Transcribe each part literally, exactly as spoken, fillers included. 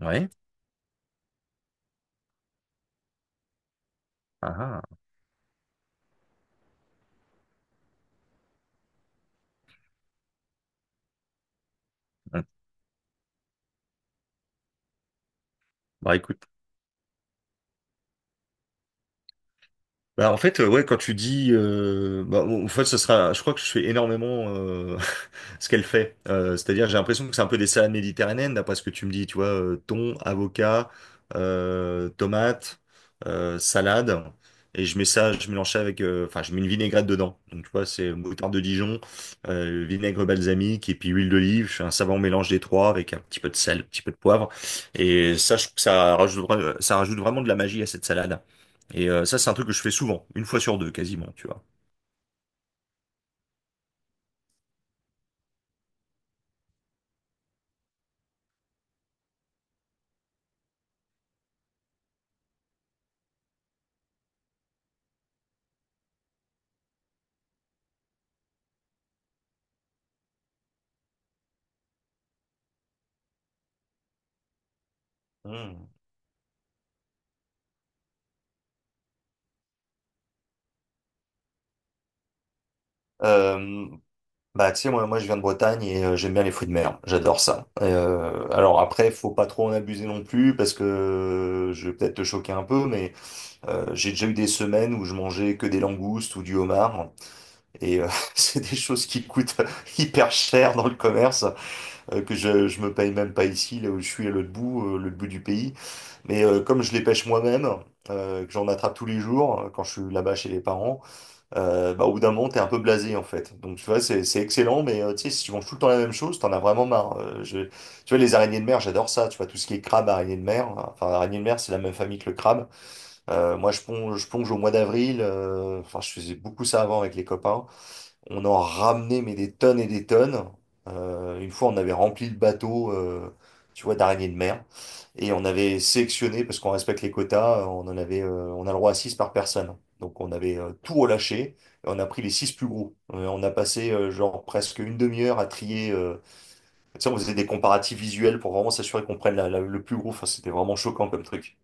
Ouais. Ah, ah. Bon. Bah, écoute. Bah, en fait, euh, ouais, quand tu dis, euh, bah, en fait, ce sera, je crois que je fais énormément euh, ce qu'elle fait. Euh, c'est-à-dire, j'ai l'impression que c'est un peu des salades méditerranéennes, d'après ce que tu me dis, tu vois, euh, thon, avocat, euh, tomate, euh, salade, et je mets ça, je mélange ça avec, euh, enfin, je mets une vinaigrette dedans. Donc, tu vois, c'est moutarde de Dijon, euh, vinaigre balsamique et puis huile d'olive. Je fais un savant mélange des trois avec un petit peu de sel, un petit peu de poivre, et ça, je trouve que ça rajoute, vra- ça rajoute vraiment de la magie à cette salade. Et euh, ça, c'est un truc que je fais souvent, une fois sur deux, quasiment, tu vois. Hmm. Euh, Bah, tu sais, moi, moi, je viens de Bretagne et euh, j'aime bien les fruits de mer. J'adore ça. Et, Euh, alors après, faut pas trop en abuser non plus parce que je vais peut-être te choquer un peu, mais euh, j'ai déjà eu des semaines où je mangeais que des langoustes ou du homard et euh, c'est des choses qui coûtent hyper cher dans le commerce euh, que je, je me paye même pas ici, là où je suis à l'autre bout, euh, l'autre bout du pays. Mais euh, comme je les pêche moi-même, euh, que j'en attrape tous les jours euh, quand je suis là-bas chez les parents. Euh, bah, au bout d'un moment, t'es un peu blasé, en fait. Donc, tu vois, c'est c'est excellent, mais euh, tu sais, si tu manges tout le temps la même chose, t'en as vraiment marre. Euh, je... Tu vois, les araignées de mer, j'adore ça. Tu vois, tout ce qui est crabe, araignée de mer. Enfin, araignée de mer, c'est la même famille que le crabe. Euh, moi, je plonge, je plonge au mois d'avril. euh, Enfin, je faisais beaucoup ça avant avec les copains. On en ramenait, mais des tonnes et des tonnes. Euh, une fois, on avait rempli le bateau, euh, tu vois, d'araignées de mer. Et on avait sélectionné, parce qu'on respecte les quotas, euh, on en avait, euh, on a le droit à six par personne. Donc, on avait euh, tout relâché. Et on a pris les six plus gros. Euh, on a passé, euh, genre, presque une demi-heure à trier. euh, Tu sais, on faisait des comparatifs visuels pour vraiment s'assurer qu'on prenne la- la- le plus gros. Enfin, c'était vraiment choquant comme truc.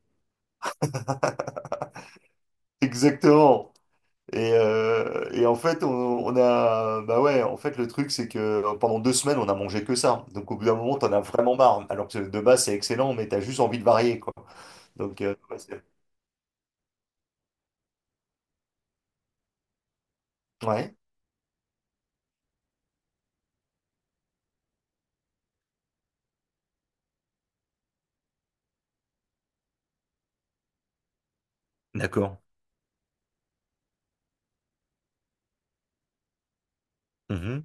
Exactement. Et, euh, et en fait, on, on a, bah ouais, en fait, le truc, c'est que pendant deux semaines, on a mangé que ça. Donc, au bout d'un moment, t'en as vraiment marre. Alors que de base, c'est excellent, mais t'as juste envie de varier, quoi. Donc, euh, ouais. C'est- ouais. D'accord. Mhm.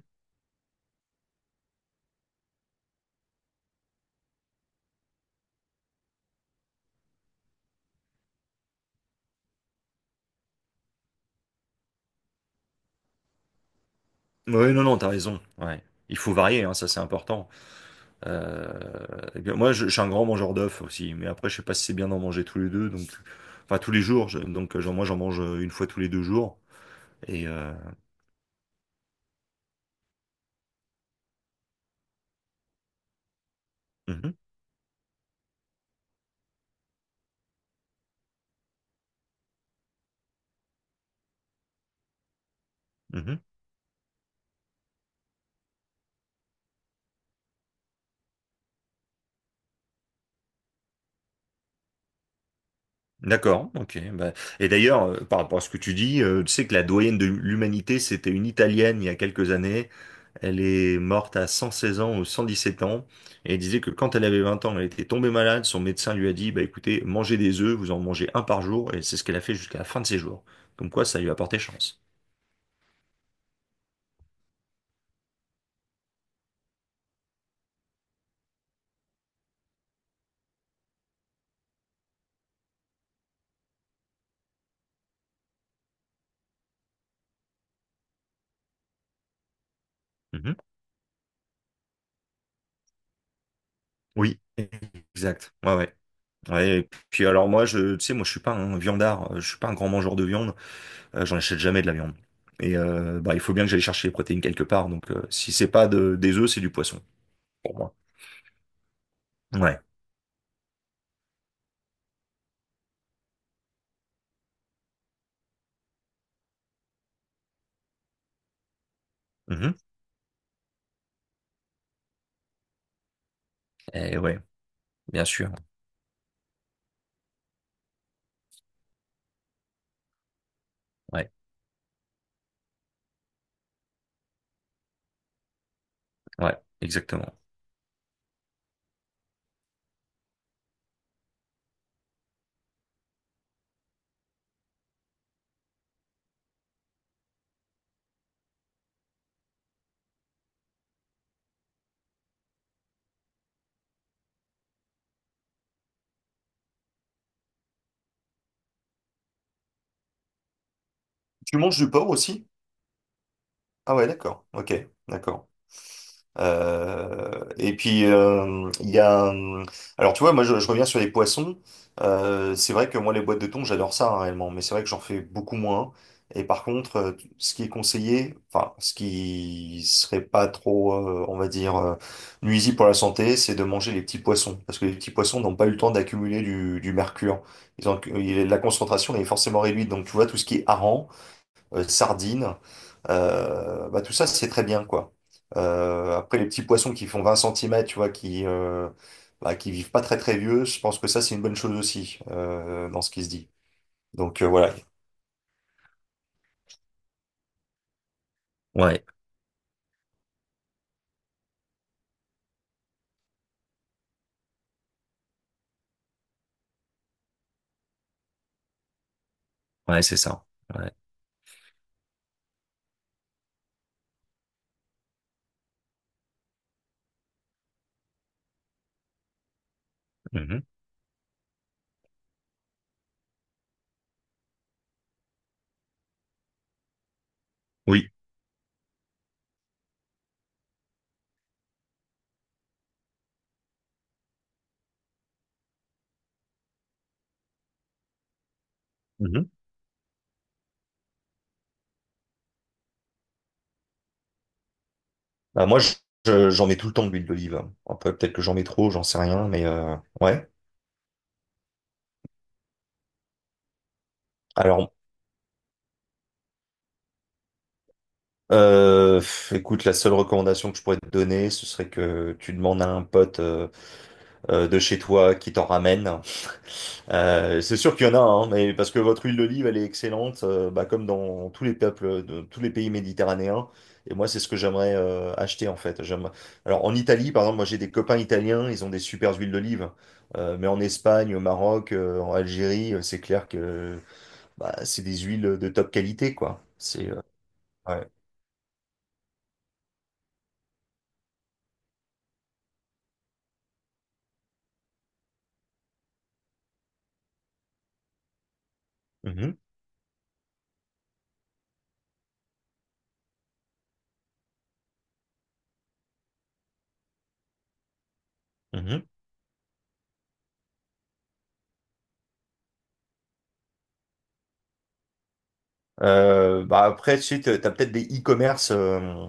Oui, non, non, t'as raison. Ouais. Il faut varier, hein, ça c'est important. Euh, et bien, moi, je, je suis un grand mangeur d'œufs aussi, mais après, je sais pas si c'est bien d'en manger tous les deux, donc enfin tous les jours. Je- donc, genre, moi, j'en mange euh, une fois tous les deux jours. Et euh, mhm, mhm. D'accord, ok. Bah, et d'ailleurs, euh, par rapport à ce que tu dis, euh, tu sais que la doyenne de l'humanité, c'était une Italienne il y a quelques années. Elle est morte à cent seize ans ou cent dix sept ans. Et elle disait que quand elle avait vingt ans, elle était tombée malade. Son médecin lui a dit, bah écoutez, mangez des œufs, vous en mangez un par jour. Et c'est ce qu'elle a fait jusqu'à la fin de ses jours. Comme quoi, ça lui a porté chance. Mhm. Oui, exact. Ouais, ouais. Ouais, et puis alors moi, je, tu sais, moi je suis pas un viandard, euh, je suis pas un grand mangeur de viande, euh, j'en achète jamais de la viande. Et euh, bah, il faut bien que j'aille chercher les protéines quelque part, donc euh, si c'est pas de, des œufs, c'est du poisson, pour moi. Ouais. Mhm. Eh ouais, bien sûr. Ouais, ouais, exactement. Tu manges du porc aussi? Ah ouais, d'accord. Ok, d'accord. Euh, et puis euh, il y a euh, Alors tu vois moi je, je reviens sur les poissons. Euh, c'est vrai que moi les boîtes de thon j'adore ça hein, réellement mais c'est vrai que j'en fais beaucoup moins et par contre euh, ce qui est conseillé enfin ce qui serait pas trop euh, on va dire euh, nuisible pour la santé c'est de manger les petits poissons parce que les petits poissons n'ont pas eu le temps d'accumuler du, du mercure. Ils ont, il- la concentration est forcément réduite donc tu vois tout ce qui est hareng euh, sardines. Euh, bah, tout ça, c'est très bien, quoi. Euh, après, les petits poissons qui font vingt centimètres, tu vois, qui, euh, bah, qui vivent pas très très vieux, je pense que ça, c'est une bonne chose aussi, euh, dans ce qui se dit. Donc euh, voilà. Mhm. Oui. Mhm. Bah, moi, je- je- j'en mets tout le temps de l'huile d'olive, hein. Après, peut-être que j'en mets trop, j'en sais rien, mais euh, ouais. Alors, euh, pff, écoute, la seule recommandation que je pourrais te donner, ce serait que tu demandes à un pote euh, euh, de chez toi qui t'en ramène. Euh, c'est sûr qu'il y en a, hein, mais parce que votre huile d'olive, elle est excellente, euh, bah, comme dans tous les peuples, de tous les pays méditerranéens. Et moi, c'est ce que j'aimerais euh, acheter en fait. J'aime. Alors en Italie, par exemple, moi j'ai des copains italiens, ils ont des super huiles d'olive. Euh, mais en Espagne, au Maroc, euh, en Algérie, euh, c'est clair que bah, c'est des huiles de top qualité, quoi. C'est euh, ouais. Mhm, mhm. Euh, bah après, tu sais, t'as t'as peut-être des e-commerce. euh,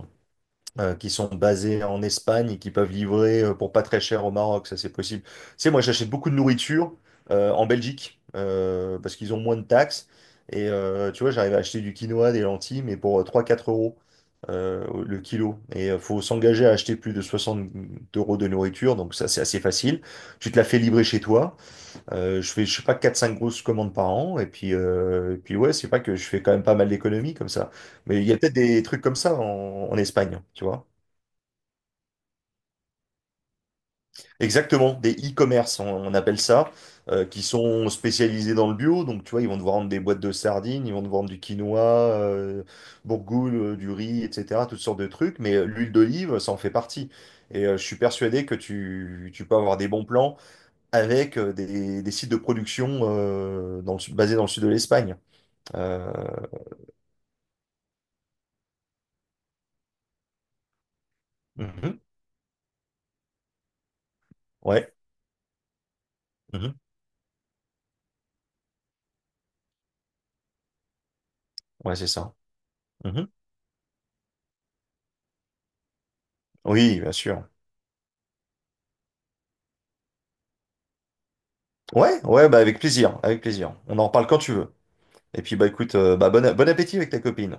euh, Qui sont basés en Espagne et qui peuvent livrer euh, pour pas très cher au Maroc, ça c'est possible. Tu sais, moi j'achète beaucoup de nourriture euh, en Belgique euh, parce qu'ils ont moins de taxes. Et euh, tu vois, j'arrive à acheter du quinoa, des lentilles, mais pour euh, trois-quatre euros euh, le kilo. Et il faut s'engager à acheter plus de soixante euros de nourriture, donc ça c'est assez facile. Tu te la fais livrer chez toi. Euh, je fais, je sais pas, quatre cinq grosses commandes par an. Et puis, euh, et puis ouais, c'est pas que je fais quand même pas mal d'économies comme ça. Mais il y a peut-être des trucs comme ça en en Espagne, tu vois. Exactement, des e-commerce, on, on appelle ça, euh, qui sont spécialisés dans le bio. Donc, tu vois, ils vont te vendre des boîtes de sardines, ils vont te vendre du quinoa, euh, bourgoule, euh, du riz, et cetera, toutes sortes de trucs. Mais euh, l'huile d'olive, ça en fait partie. Et euh, je suis persuadé que tu, tu peux avoir des bons plans avec euh, des, des sites de production euh, dans le sud- basés dans le sud de l'Espagne. Euh, mhm, ouais, mhm, ouais, c'est ça. Mhm. Oui, bien sûr. Ouais, ouais, bah avec plaisir, avec plaisir. On en reparle quand tu veux. Et puis bah écoute, euh, bah, bon, bon appétit avec ta copine.